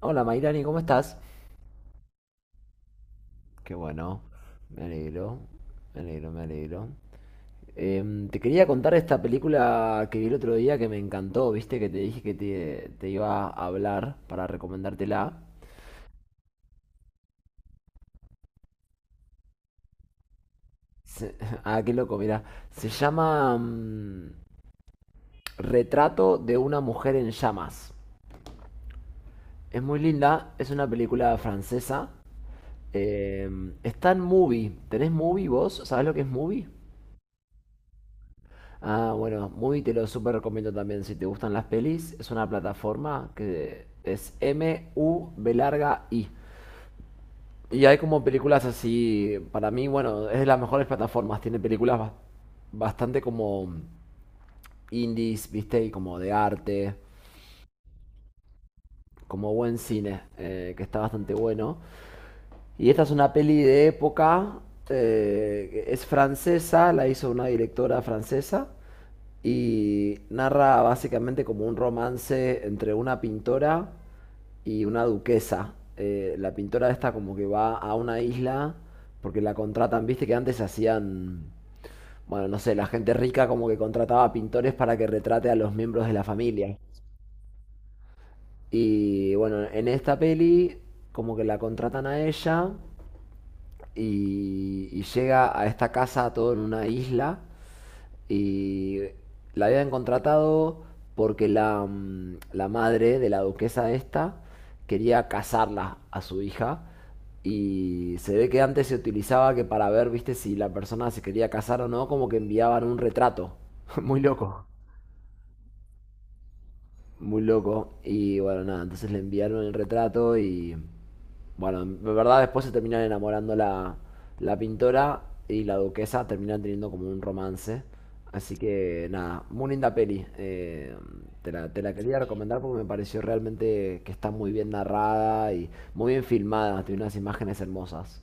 Hola Mayrani, ¿cómo estás? Qué bueno, me alegro, me alegro, me alegro. Te quería contar esta película que vi el otro día que me encantó, viste que te dije que te iba a hablar para recomendártela. Se- ah, qué loco, mira. Se llama Retrato de una mujer en llamas. Es muy linda, es una película francesa. Está en Movie. ¿Tenés Movie vos? ¿Sabés lo que es Movie? Ah, bueno, Movie te lo súper recomiendo también si te gustan las pelis. Es una plataforma que es M-U-B larga I. Y hay como películas así, para mí, bueno, es de las mejores plataformas. Tiene películas bastante como indies, viste, y como de arte, como buen cine, que está bastante bueno. Y esta es una peli de época, es francesa, la hizo una directora francesa y narra básicamente como un romance entre una pintora y una duquesa. La pintora esta como que va a una isla porque la contratan, viste que antes hacían, bueno, no sé, la gente rica como que contrataba pintores para que retrate a los miembros de la familia. Y bueno, en esta peli como que la contratan a ella y llega a esta casa todo en una isla y la habían contratado porque la la madre de la duquesa esta quería casarla a su hija y se ve que antes se utilizaba que para ver, viste, si la persona se quería casar o no, como que enviaban un retrato. Muy loco. Muy loco. Y bueno, nada, entonces le enviaron el retrato y bueno, en verdad después se terminan enamorando la, la pintora y la duquesa, terminan teniendo como un romance. Así que nada, muy linda peli. Te la quería recomendar porque me pareció realmente que está muy bien narrada y muy bien filmada, tiene unas imágenes hermosas.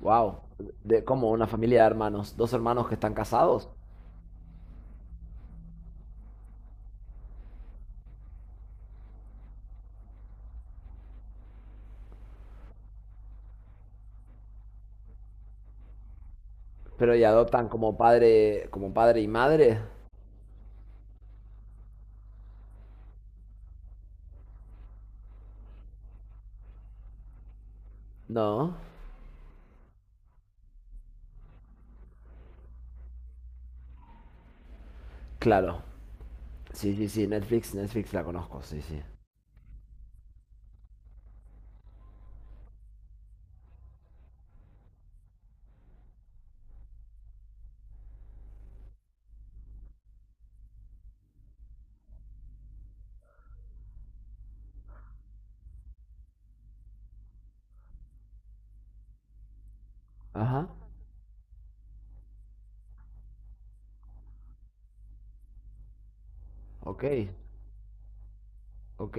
Wow, de como una familia de hermanos, dos hermanos que están casados, pero y adoptan como padre y madre. No, claro. Sí, sí, sí, Netflix, Netflix la conozco, sí, sí. Ajá. Ok, ok.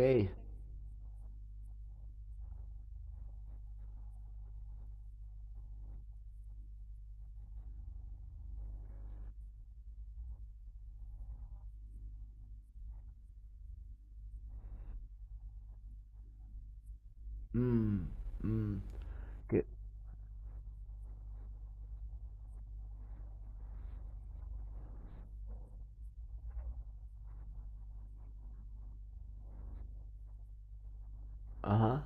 Mm, mm, que- ajá,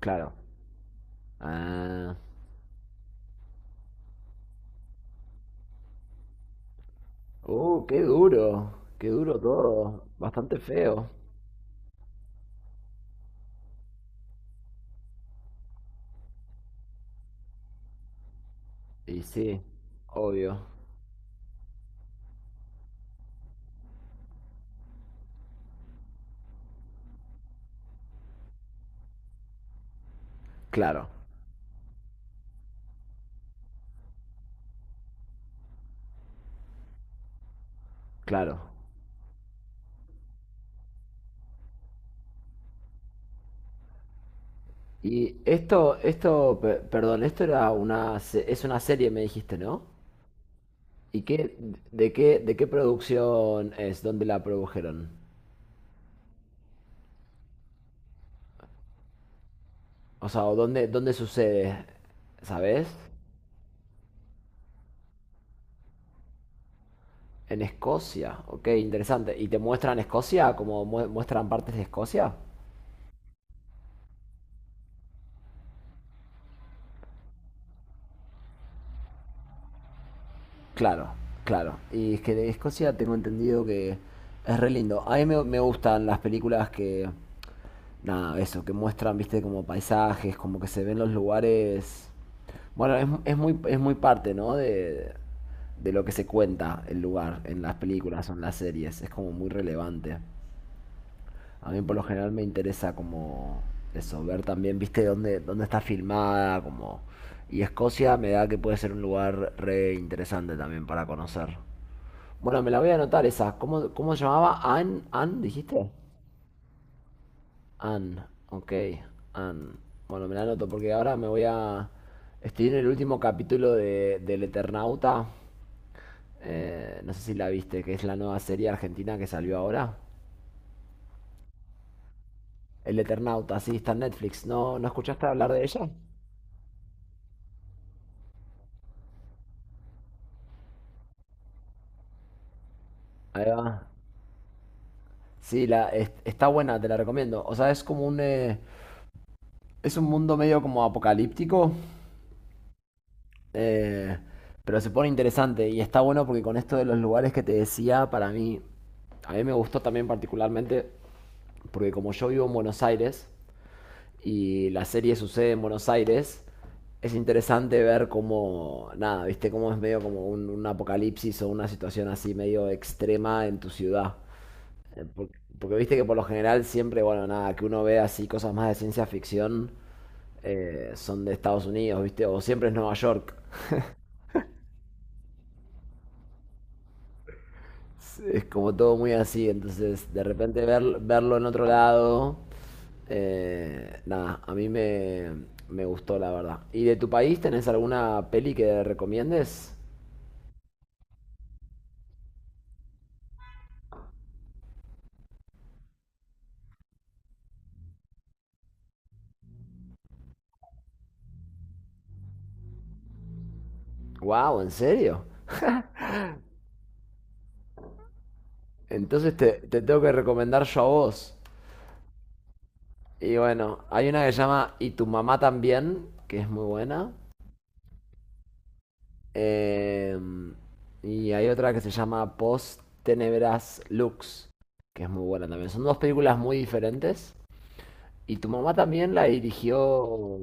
claro. Ah, uh, qué duro, qué duro todo. Bastante feo. Y sí, obvio. Claro, claro. Y perdón, esto era es una serie, me dijiste, ¿no? ¿Y qué, de qué, de qué producción es? ¿Dónde la produjeron? O sea, ¿o ¿dónde, dónde sucede? ¿Sabes? En Escocia, ok, interesante. ¿Y te muestran Escocia? ¿Como muestran partes de Escocia? Claro, claro. Y es que de Escocia tengo entendido que es re lindo. A mí me gustan las películas que, nada, eso, que muestran, viste, como paisajes, como que se ven los lugares. Bueno, es muy, es muy parte, ¿no? De lo que se cuenta el lugar en las películas o en las series. Es como muy relevante. A mí por lo general me interesa como eso, ver también, viste, dónde está filmada, como... Y Escocia me da que puede ser un lugar re interesante también para conocer. Bueno, me la voy a anotar esa. Cómo se llamaba? Anne, Anne, dijiste. Anne, ok, Anne. Bueno, me la anoto porque ahora me voy a... Estoy en el último capítulo del Eternauta. No sé si la viste, que es la nueva serie argentina que salió ahora. El Eternauta, sí, está en Netflix. ¿No, no escuchaste hablar de ella? Ahí va. Sí, está buena, te la recomiendo. O sea, es como un... es un mundo medio como apocalíptico, eh, pero se pone interesante y está bueno porque con esto de los lugares que te decía, para mí, a mí me gustó también particularmente porque como yo vivo en Buenos Aires y la serie sucede en Buenos Aires, es interesante ver cómo, nada, viste, cómo es medio como un apocalipsis o una situación así medio extrema en tu ciudad. Eh, por- Porque, viste que por lo general siempre, bueno, nada, que uno ve así cosas más de ciencia ficción son de Estados Unidos, viste, o siempre es Nueva York. Es es como todo muy así, entonces de repente verlo en otro lado, nada, a me gustó la verdad. ¿Y de tu país tenés alguna peli que recomiendes? Wow, ¿en serio? Entonces te tengo que recomendar yo a vos. Y bueno, hay una que se llama Y tu mamá también, que es muy buena. Eh, y hay otra que se llama Post Tenebras Lux, que es muy buena también. Son dos películas muy diferentes. Y tu mamá también la dirigió.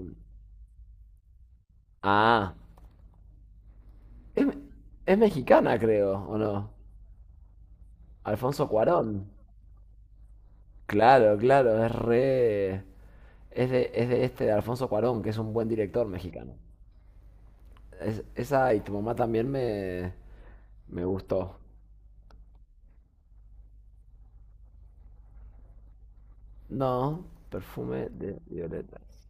Ah, es, es mexicana, creo, ¿o no? Alfonso Cuarón. Claro, claro, es re. Es es de este de Alfonso Cuarón, que es un buen director mexicano. Esa y tu mamá también me gustó. No, perfume de violetas.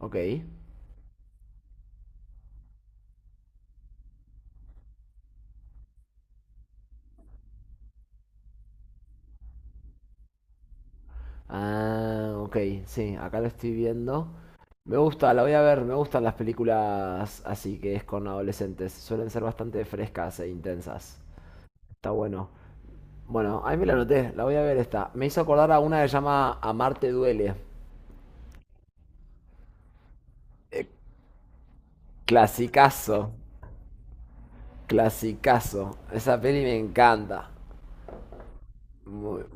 Ok. Ah, ok, sí, acá lo estoy viendo. Me gusta, la voy a ver, me gustan las películas así que es con adolescentes. Suelen ser bastante frescas e intensas. Está bueno. Bueno, ahí me la anoté, la voy a ver esta. Me hizo acordar a una que se llama Amarte duele. Eh, Clasicazo, clasicazo. Esa peli me encanta. Muy-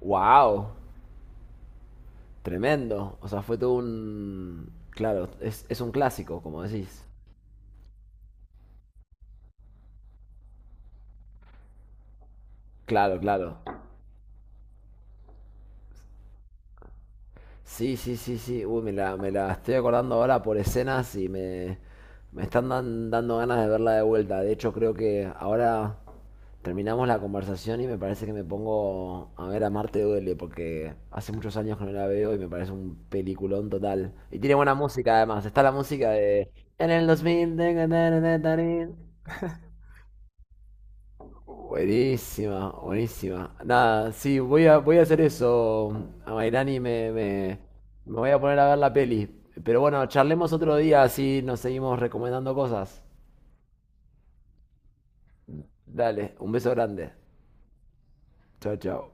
wow, tremendo. O sea, fue todo un... Claro, es un clásico, como decís. Claro, claro. Sí, sí, sí, sí. Uy, me la estoy acordando ahora por escenas y me están dando ganas de verla de vuelta. De hecho, creo que ahora terminamos la conversación y me parece que me pongo a ver a Marte Duele porque hace muchos años que no la veo y me parece un peliculón total. Y tiene buena música además. Está la música de... En el 2000... Buenísima, buenísima. Nada, sí, voy a hacer eso, Amairani, me voy a poner a ver la peli. Pero bueno, charlemos otro día, así nos seguimos recomendando cosas. Dale, un beso grande. Chao, chao.